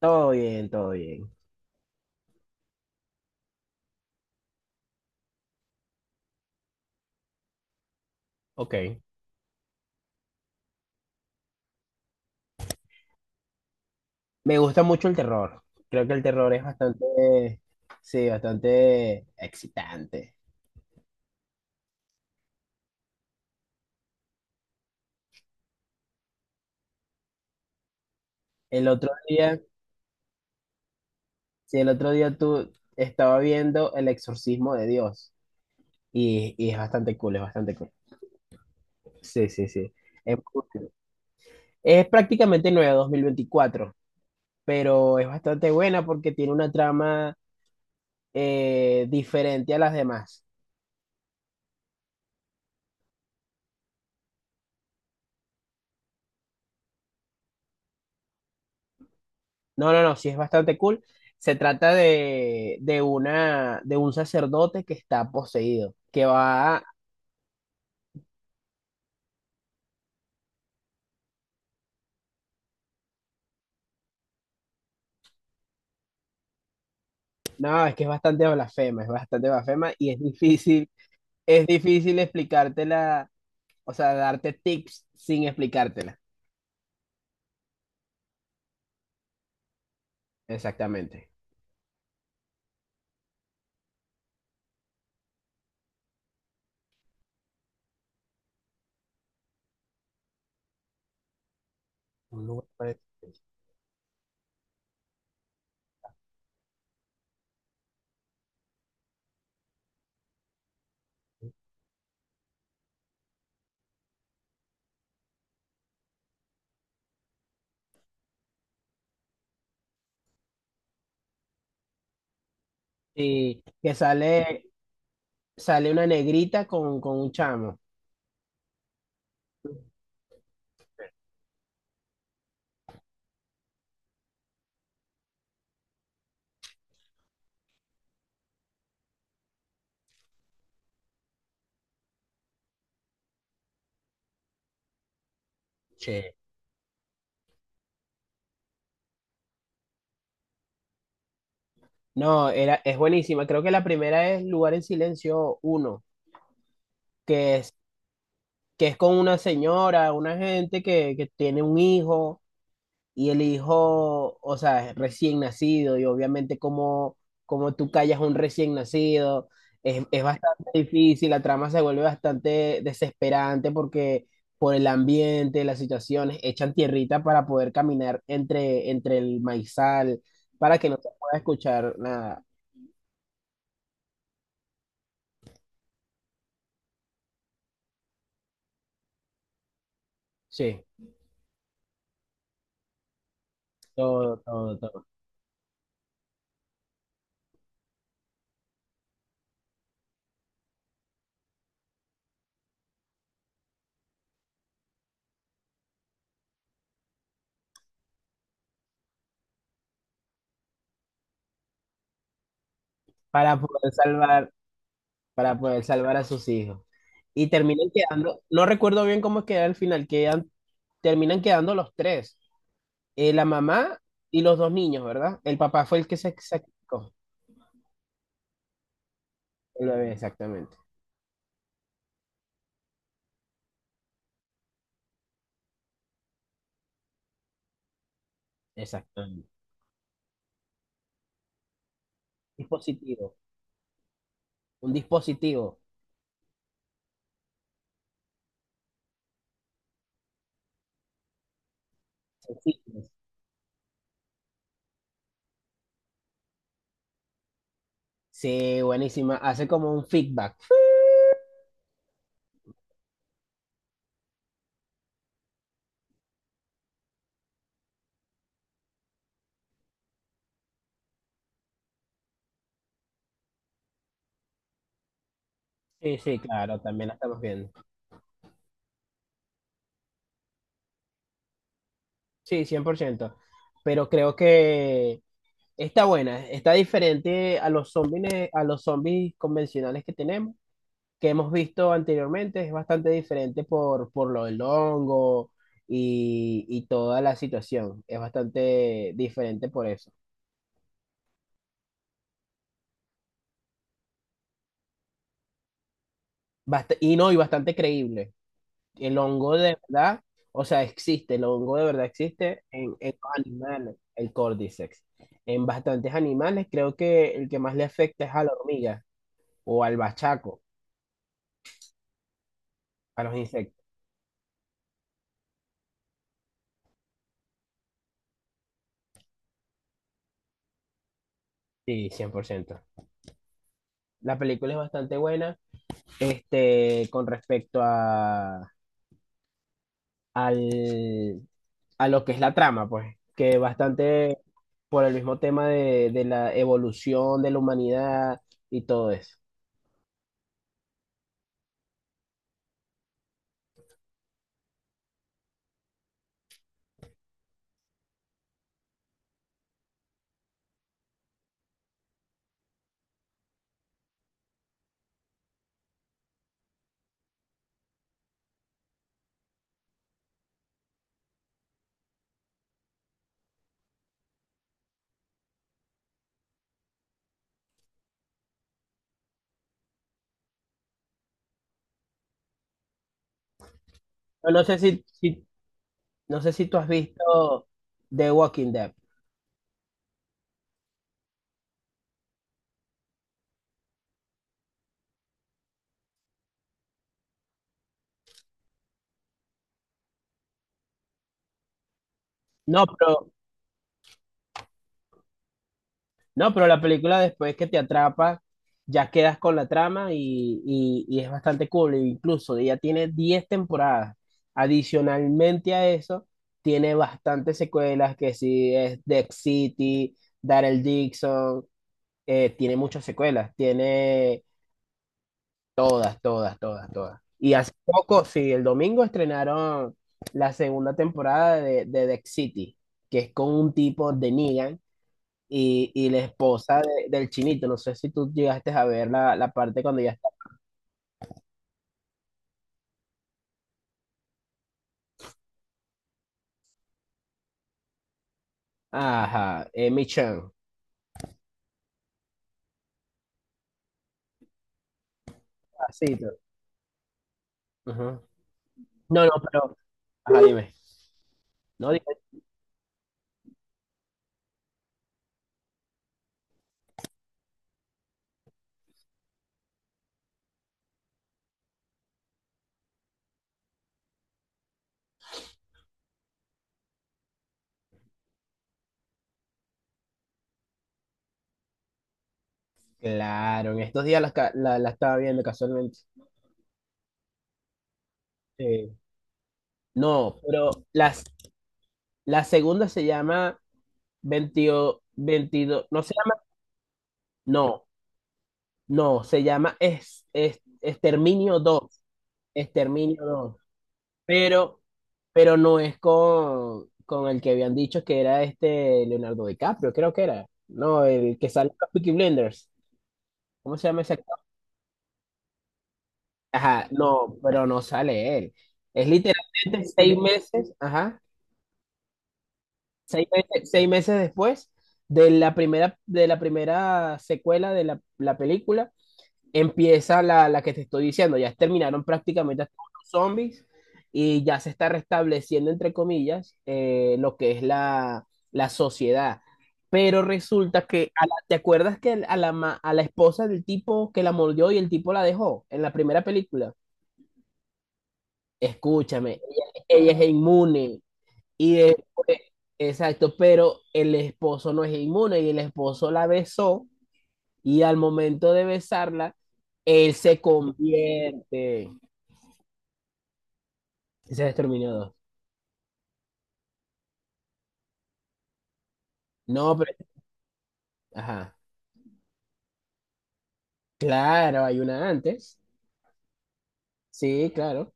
Todo bien, todo bien. Ok, me gusta mucho el terror. Creo que el terror es bastante, sí, bastante excitante. El otro día, sí, el otro día tú estaba viendo El Exorcismo de Dios, y es bastante cool, es bastante cool. Sí, sí, sí. Es muy cool. Es prácticamente nueva 2024, pero es bastante buena porque tiene una trama diferente a las demás. No, no, no, sí es bastante cool. Se trata de una, de un sacerdote que está poseído, que va, no, es que es bastante blasfema y es difícil explicártela, o sea, darte tips sin explicártela. Exactamente. Un lugar para- despedirse. Y que sale una negrita con un chamo. Che, no, era, es buenísima. Creo que la primera es Lugar en Silencio uno, que que es con una señora, una gente que tiene un hijo y el hijo, o sea, es recién nacido y obviamente como tú callas a un recién nacido, es bastante difícil, la trama se vuelve bastante desesperante porque por el ambiente, las situaciones, echan tierrita para poder caminar entre el maizal, para que no se pueda escuchar nada. Sí, todo, todo, todo. Para poder salvar, para poder salvar a sus hijos. Y terminan quedando, no recuerdo bien cómo queda el final, quedan, terminan quedando los tres, la mamá y los dos niños, ¿verdad? El papá fue el que se sacrificó, el bebé, exactamente, exactamente. Dispositivo, un dispositivo, sencillo. Sí, buenísima, hace como un feedback. Sí, sí, claro, también la estamos viendo. Sí, 100%, pero creo que está buena, está diferente a los zombies convencionales que tenemos, que hemos visto anteriormente. Es bastante diferente por lo del hongo y toda la situación. Es bastante diferente por eso. Y no, y bastante creíble. El hongo de verdad, o sea, existe, el hongo de verdad existe en los animales, el Cordyceps. En bastantes animales, creo que el que más le afecta es a la hormiga o al bachaco, a los insectos. Sí, 100%. La película es bastante buena, este, con respecto a, al, a lo que es la trama, pues, que bastante por el mismo tema de la evolución de la humanidad y todo eso. No, no sé si, si- no sé si tú has visto The Walking Dead. No, pero, no, pero la película después que te atrapa, ya quedas con la trama y es bastante cool. E incluso ya tiene 10 temporadas. Adicionalmente a eso, tiene bastantes secuelas que sí es Dead City, Daryl Dixon, tiene muchas secuelas, tiene todas, todas, todas, todas. Y hace poco, sí, el domingo estrenaron la segunda temporada de Dex City, que es con un tipo de Negan y la esposa del chinito. No sé si tú llegaste a ver la parte cuando ya está. Ajá, Michan. Así. Tú. Ajá. No, no, pero. Ajá, dime. No, dime. Claro, en estos días la estaba viendo casualmente. Sí. No, pero las, la segunda se llama 22, 22 no se llama, no, no, se llama Exterminio dos. Exterminio dos, pero, pero no es con el que habían dicho que era este Leonardo DiCaprio, creo que era, no, el que sale en los Peaky Blinders, ¿cómo se llama ese actor? Ajá, no, pero no sale él, es literalmente 6 meses, ajá, 6 meses, 6 meses después de la primera secuela de la película empieza la que te estoy diciendo, ya terminaron prácticamente todos los zombies y ya se está restableciendo, entre comillas, lo que es la sociedad. Pero resulta que, ¿te acuerdas que a la esposa del tipo que la mordió y el tipo la dejó en la primera película? Escúchame, ella es inmune y después, exacto, pero el esposo no es inmune y el esposo la besó y al momento de besarla, él se convierte. Ese es Exterminio dos. No, pero, ajá, claro, hay una antes. Sí, claro.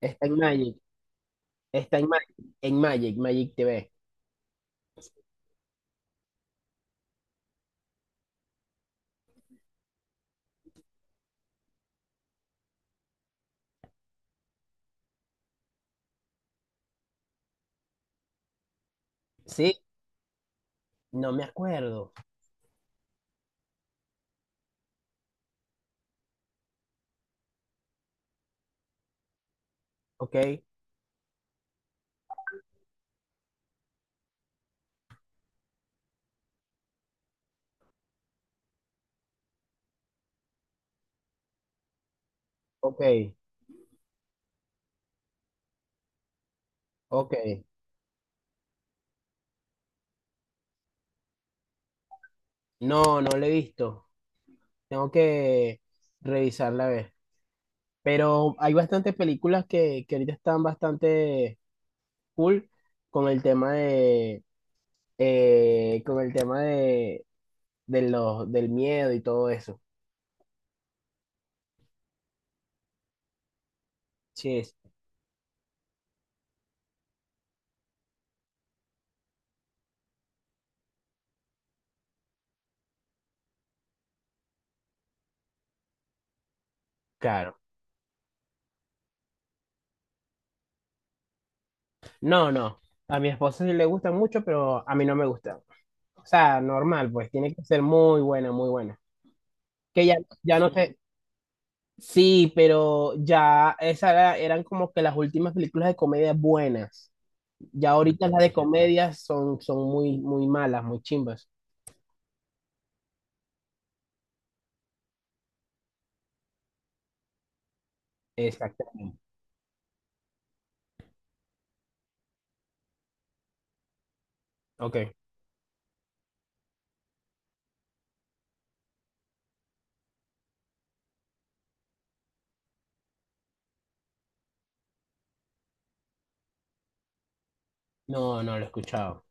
Está en Magic, está en Magic, Magic TV. Sí, no me acuerdo. Ok, ok, ok. No, no lo he visto. Tengo que revisarla a ver. Pero hay bastantes películas que ahorita están bastante cool con el tema de con el tema de los, del miedo y todo eso. Sí. Claro. No, no. A mi esposa sí le gusta mucho, pero a mí no me gusta. O sea, normal, pues tiene que ser muy buena, muy buena. Que ya, ya no sé. Sí, pero ya esas eran como que las últimas películas de comedia buenas. Ya ahorita las de comedia son muy, muy malas, muy chimbas. Exactamente. Ok. No, no lo he escuchado.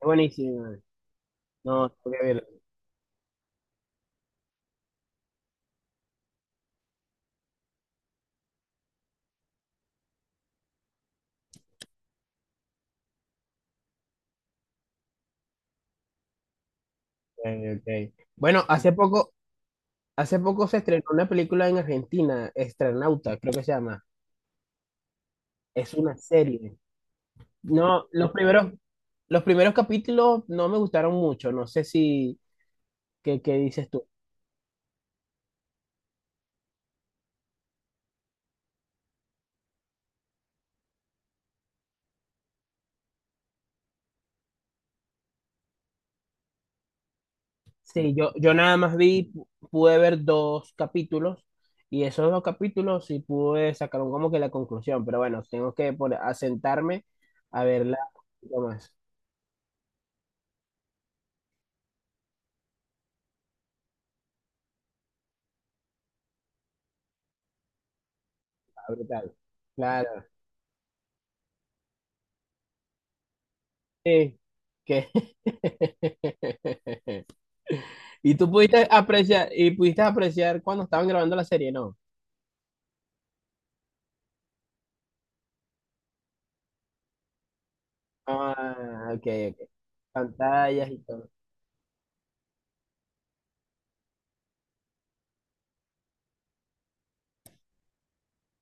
Es buenísimo. No, tengo que verlo. Ok, ok. Bueno, hace poco se estrenó una película en Argentina, Estrenauta, creo que se llama. Es una serie. No, los primeros capítulos no me gustaron mucho. No sé si, ¿qué dices tú? Sí, yo nada más pude ver dos capítulos y esos dos capítulos sí pude sacar como que la conclusión. Pero bueno, tengo que asentarme a verla un poquito más. Ah, brutal. Claro. Sí. Que... Y tú pudiste apreciar, y pudiste apreciar cuando estaban grabando la serie, ¿no? Ah, ok, ok. Pantallas y todo.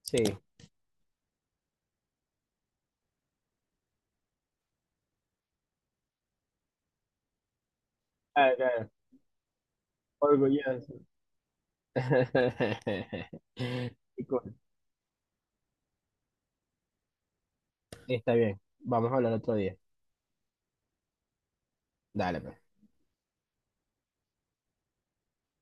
Sí. Claro, claro. Orgulloso. Qué cool. Está bien. Vamos a hablar otro día. Dale, pues.